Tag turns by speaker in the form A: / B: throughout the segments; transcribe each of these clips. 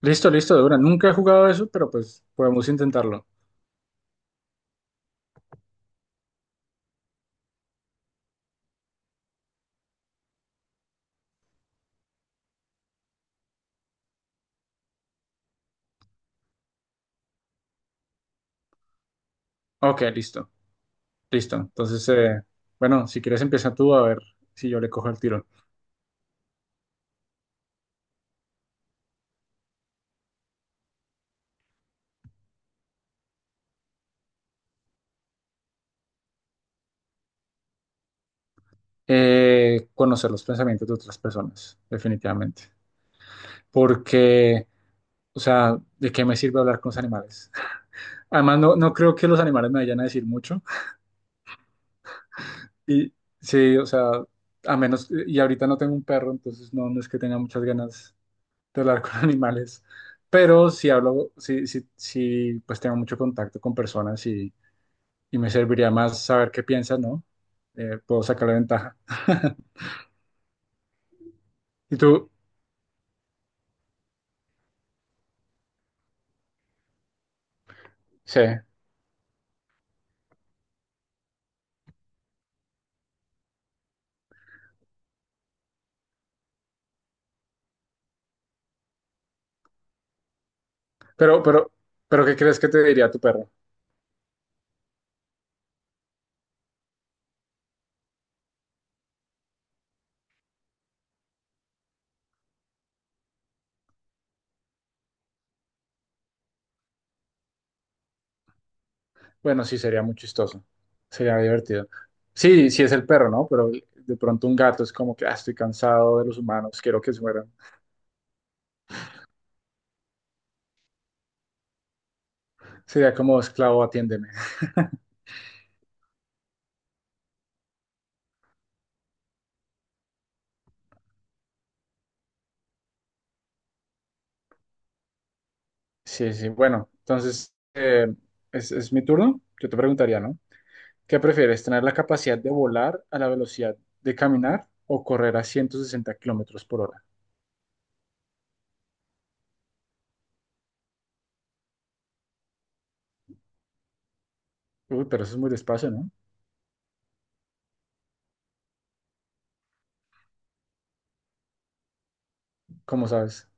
A: Listo, listo, de una. Nunca he jugado eso, pero pues podemos intentarlo. Ok, listo, listo. Entonces, bueno, si quieres empieza tú a ver si yo le cojo el tiro. Conocer los pensamientos de otras personas, definitivamente. Porque, o sea, ¿de qué me sirve hablar con los animales? Además, no, no creo que los animales me vayan a decir mucho. Y sí, o sea, a menos, y ahorita no tengo un perro, entonces no, no es que tenga muchas ganas de hablar con animales, pero si hablo, si, si, si pues tengo mucho contacto con personas y me serviría más saber qué piensan, ¿no? Puedo sacarle ventaja. Y tú, sí, pero, pero, pero ¿qué crees que te diría tu perro? Bueno, sí, sería muy chistoso, sería divertido. Sí, sí es el perro, ¿no? Pero de pronto un gato es como que, ah, estoy cansado de los humanos, quiero que se mueran. Sería como esclavo, atiéndeme. Sí, sí, bueno, entonces es mi turno. Yo te preguntaría, ¿no? ¿Qué prefieres, tener la capacidad de volar a la velocidad de caminar o correr a 160 kilómetros por hora? Uy, pero eso es muy despacio, ¿no? ¿Cómo sabes?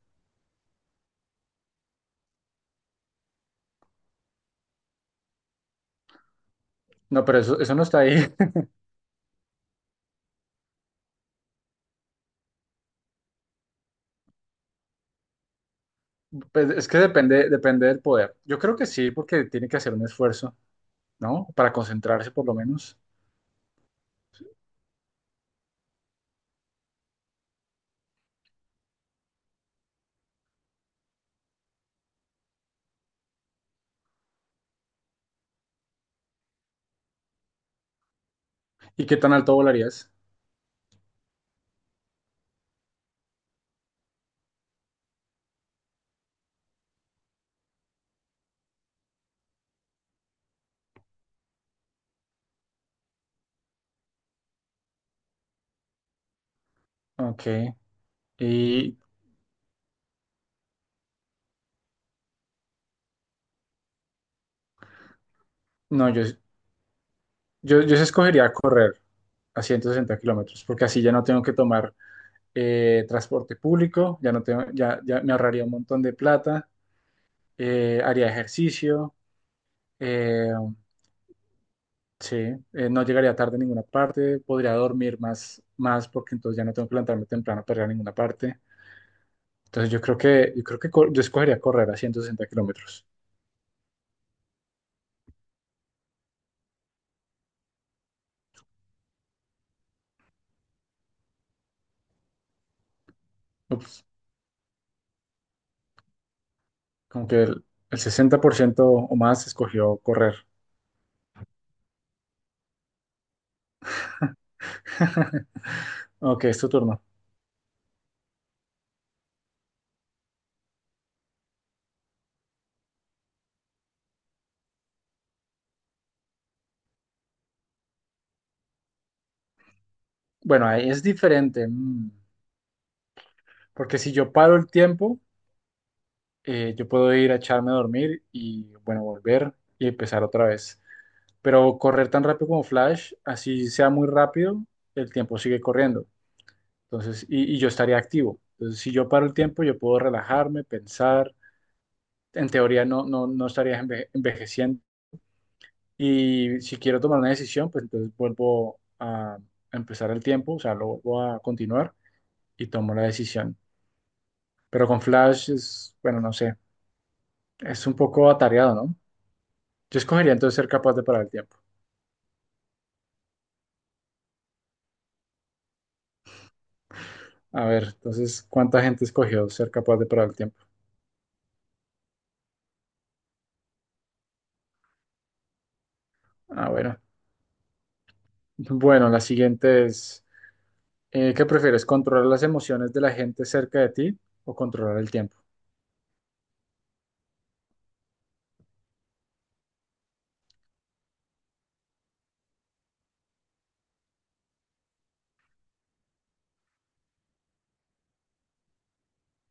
A: No, pero eso no está ahí. Pues es que depende, depende del poder. Yo creo que sí, porque tiene que hacer un esfuerzo, ¿no? Para concentrarse por lo menos. ¿Y qué tan alto volarías? Ok. Y no, yo sí escogería correr a 160 kilómetros, porque así ya no tengo que tomar transporte público, ya no tengo, ya me ahorraría un montón de plata, haría ejercicio, eh, sí, no llegaría tarde a ninguna parte, podría dormir más, más porque entonces ya no tengo que levantarme temprano para ir a ninguna parte. Entonces yo creo que yo escogería correr a ciento sesenta kilómetros. Ups, como que el 60% o más escogió correr. Ok, es tu turno. Bueno, ahí es diferente, porque si yo paro el tiempo, yo puedo ir a echarme a dormir y, bueno, volver y empezar otra vez. Pero correr tan rápido como Flash, así sea muy rápido, el tiempo sigue corriendo. Entonces, y yo estaría activo. Entonces, si yo paro el tiempo, yo puedo relajarme, pensar. En teoría no, no, no estaría envejeciendo. Y si quiero tomar una decisión, pues entonces vuelvo a empezar el tiempo, o sea, lo vuelvo a continuar y tomo la decisión. Pero con Flash es, bueno, no sé, es un poco atareado, ¿no? Yo escogería entonces ser capaz de parar el tiempo. A ver, entonces, ¿cuánta gente escogió ser capaz de parar el tiempo? Ah, bueno, la siguiente es, ¿qué prefieres? ¿Controlar las emociones de la gente cerca de ti o controlar el tiempo?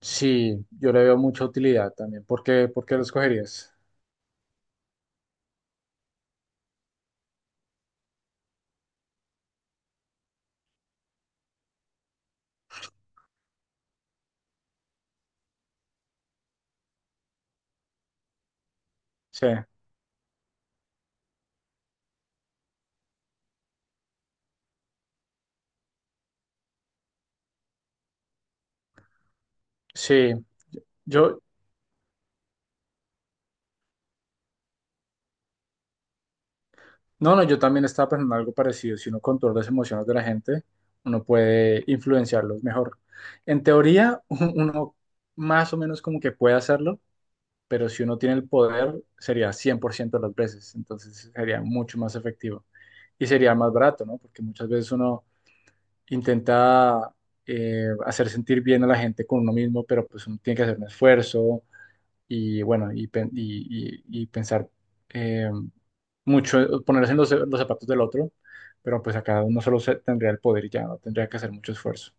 A: Sí, yo le veo mucha utilidad también. ¿Por qué lo escogerías? Sí, sí. Yo, no, no, yo también estaba pensando algo parecido. Si uno controla las emociones de la gente, uno puede influenciarlos mejor. En teoría, uno más o menos como que puede hacerlo, pero si uno tiene el poder, sería 100% de las veces, entonces sería mucho más efectivo y sería más barato, ¿no? Porque muchas veces uno intenta hacer sentir bien a la gente con uno mismo, pero pues uno tiene que hacer un esfuerzo y bueno, y pensar eh, mucho, ponerse en los zapatos del otro, pero pues acá uno solo tendría el poder y ya no tendría que hacer mucho esfuerzo.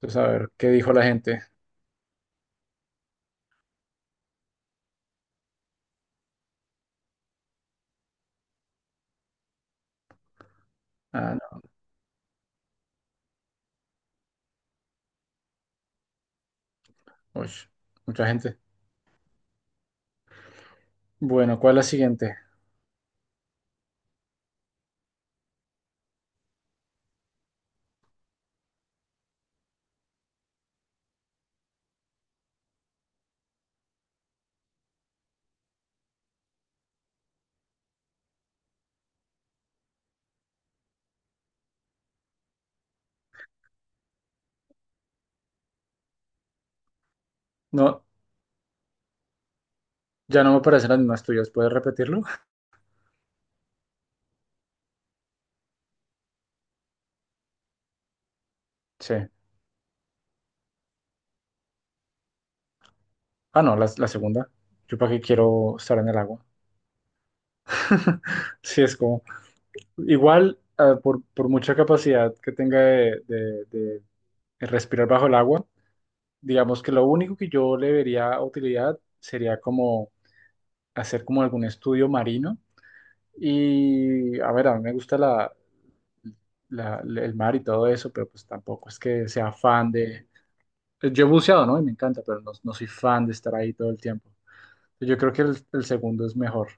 A: Entonces, a ver, ¿qué dijo la gente? Ah, no, uy, mucha gente. Bueno, ¿cuál es la siguiente? No, ya no me parecen las mismas tuyas. ¿Puedes repetirlo? Sí. Ah, no, la segunda. Yo para qué quiero estar en el agua. Sí, es como. Igual, ah, por, mucha capacidad que tenga de respirar bajo el agua, digamos que lo único que yo le vería utilidad sería como hacer como algún estudio marino. Y, a ver, a mí me gusta el mar y todo eso, pero pues tampoco es que sea fan de. Pues, yo he buceado, ¿no? Y me encanta, pero no, no soy fan de estar ahí todo el tiempo. Yo creo que el segundo es mejor.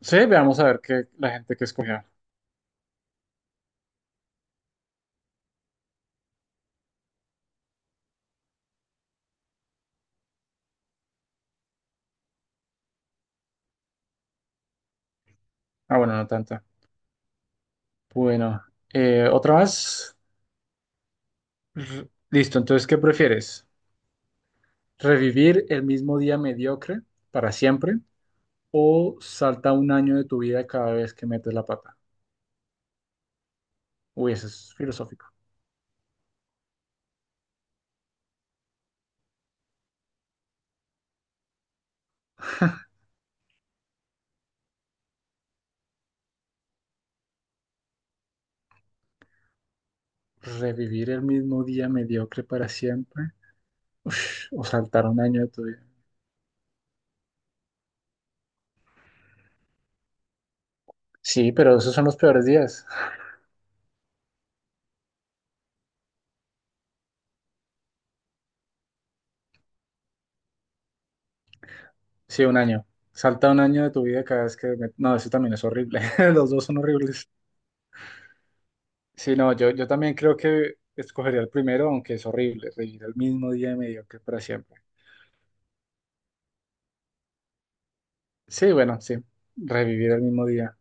A: Sí, veamos a ver qué la gente que escogió. Ah, bueno, no tanta. Bueno, otra más. Listo, entonces, ¿qué prefieres? ¿Revivir el mismo día mediocre para siempre o salta un año de tu vida cada vez que metes la pata? Uy, eso es filosófico. ¿Revivir el mismo día mediocre para siempre? Ush, o saltar un año de tu vida. Sí, pero esos son los peores días. Sí, un año. Salta un año de tu vida cada vez que. No, eso también es horrible. Los dos son horribles. Sí, no, yo también creo que escogería el primero, aunque es horrible, revivir el mismo día mediocre para siempre. Sí, bueno, sí, revivir el mismo día.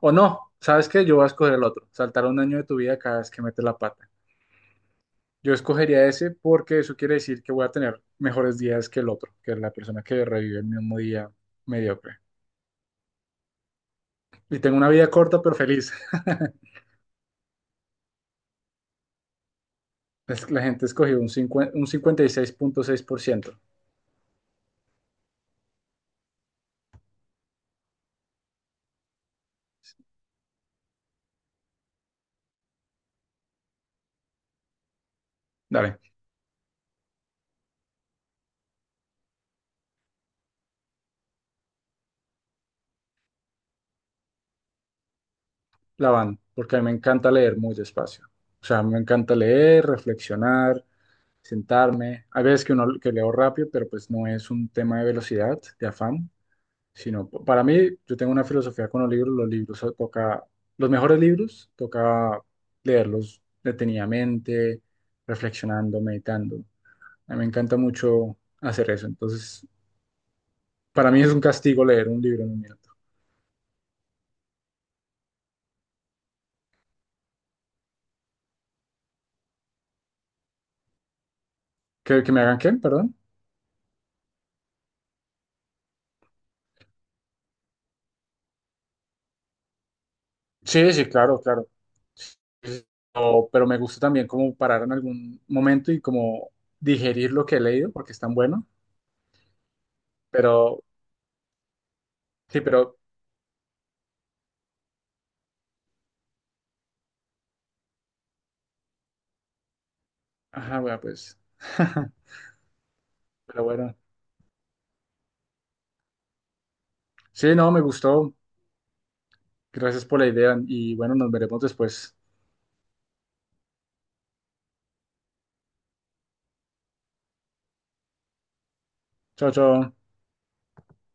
A: O no, ¿sabes qué? Yo voy a escoger el otro, saltar un año de tu vida cada vez que metes la pata. Yo escogería ese porque eso quiere decir que voy a tener mejores días que el otro, que es la persona que revive el mismo día mediocre. Y tengo una vida corta pero feliz. Es- que La gente escogió un cincuenta y seis punto seis por ciento. Dale, la van, porque a mí me encanta leer muy despacio. O sea, me encanta leer, reflexionar, sentarme. Hay veces que uno que leo rápido, pero pues no es un tema de velocidad, de afán, sino para mí, yo tengo una filosofía con los libros, toca, los mejores libros toca leerlos detenidamente, reflexionando, meditando. A mí me encanta mucho hacer eso. Entonces, para mí es un castigo leer un libro en un minuto. ¿Que me hagan qué? Perdón. Sí, sí, claro, claro. Sí, pero me gusta también como parar en algún momento y como digerir lo que he leído porque es tan bueno. Pero sí, pero. Ajá, bueno, pues. Pero bueno. Sí, no, me gustó. Gracias por la idea y bueno, nos veremos después. Chao, chao.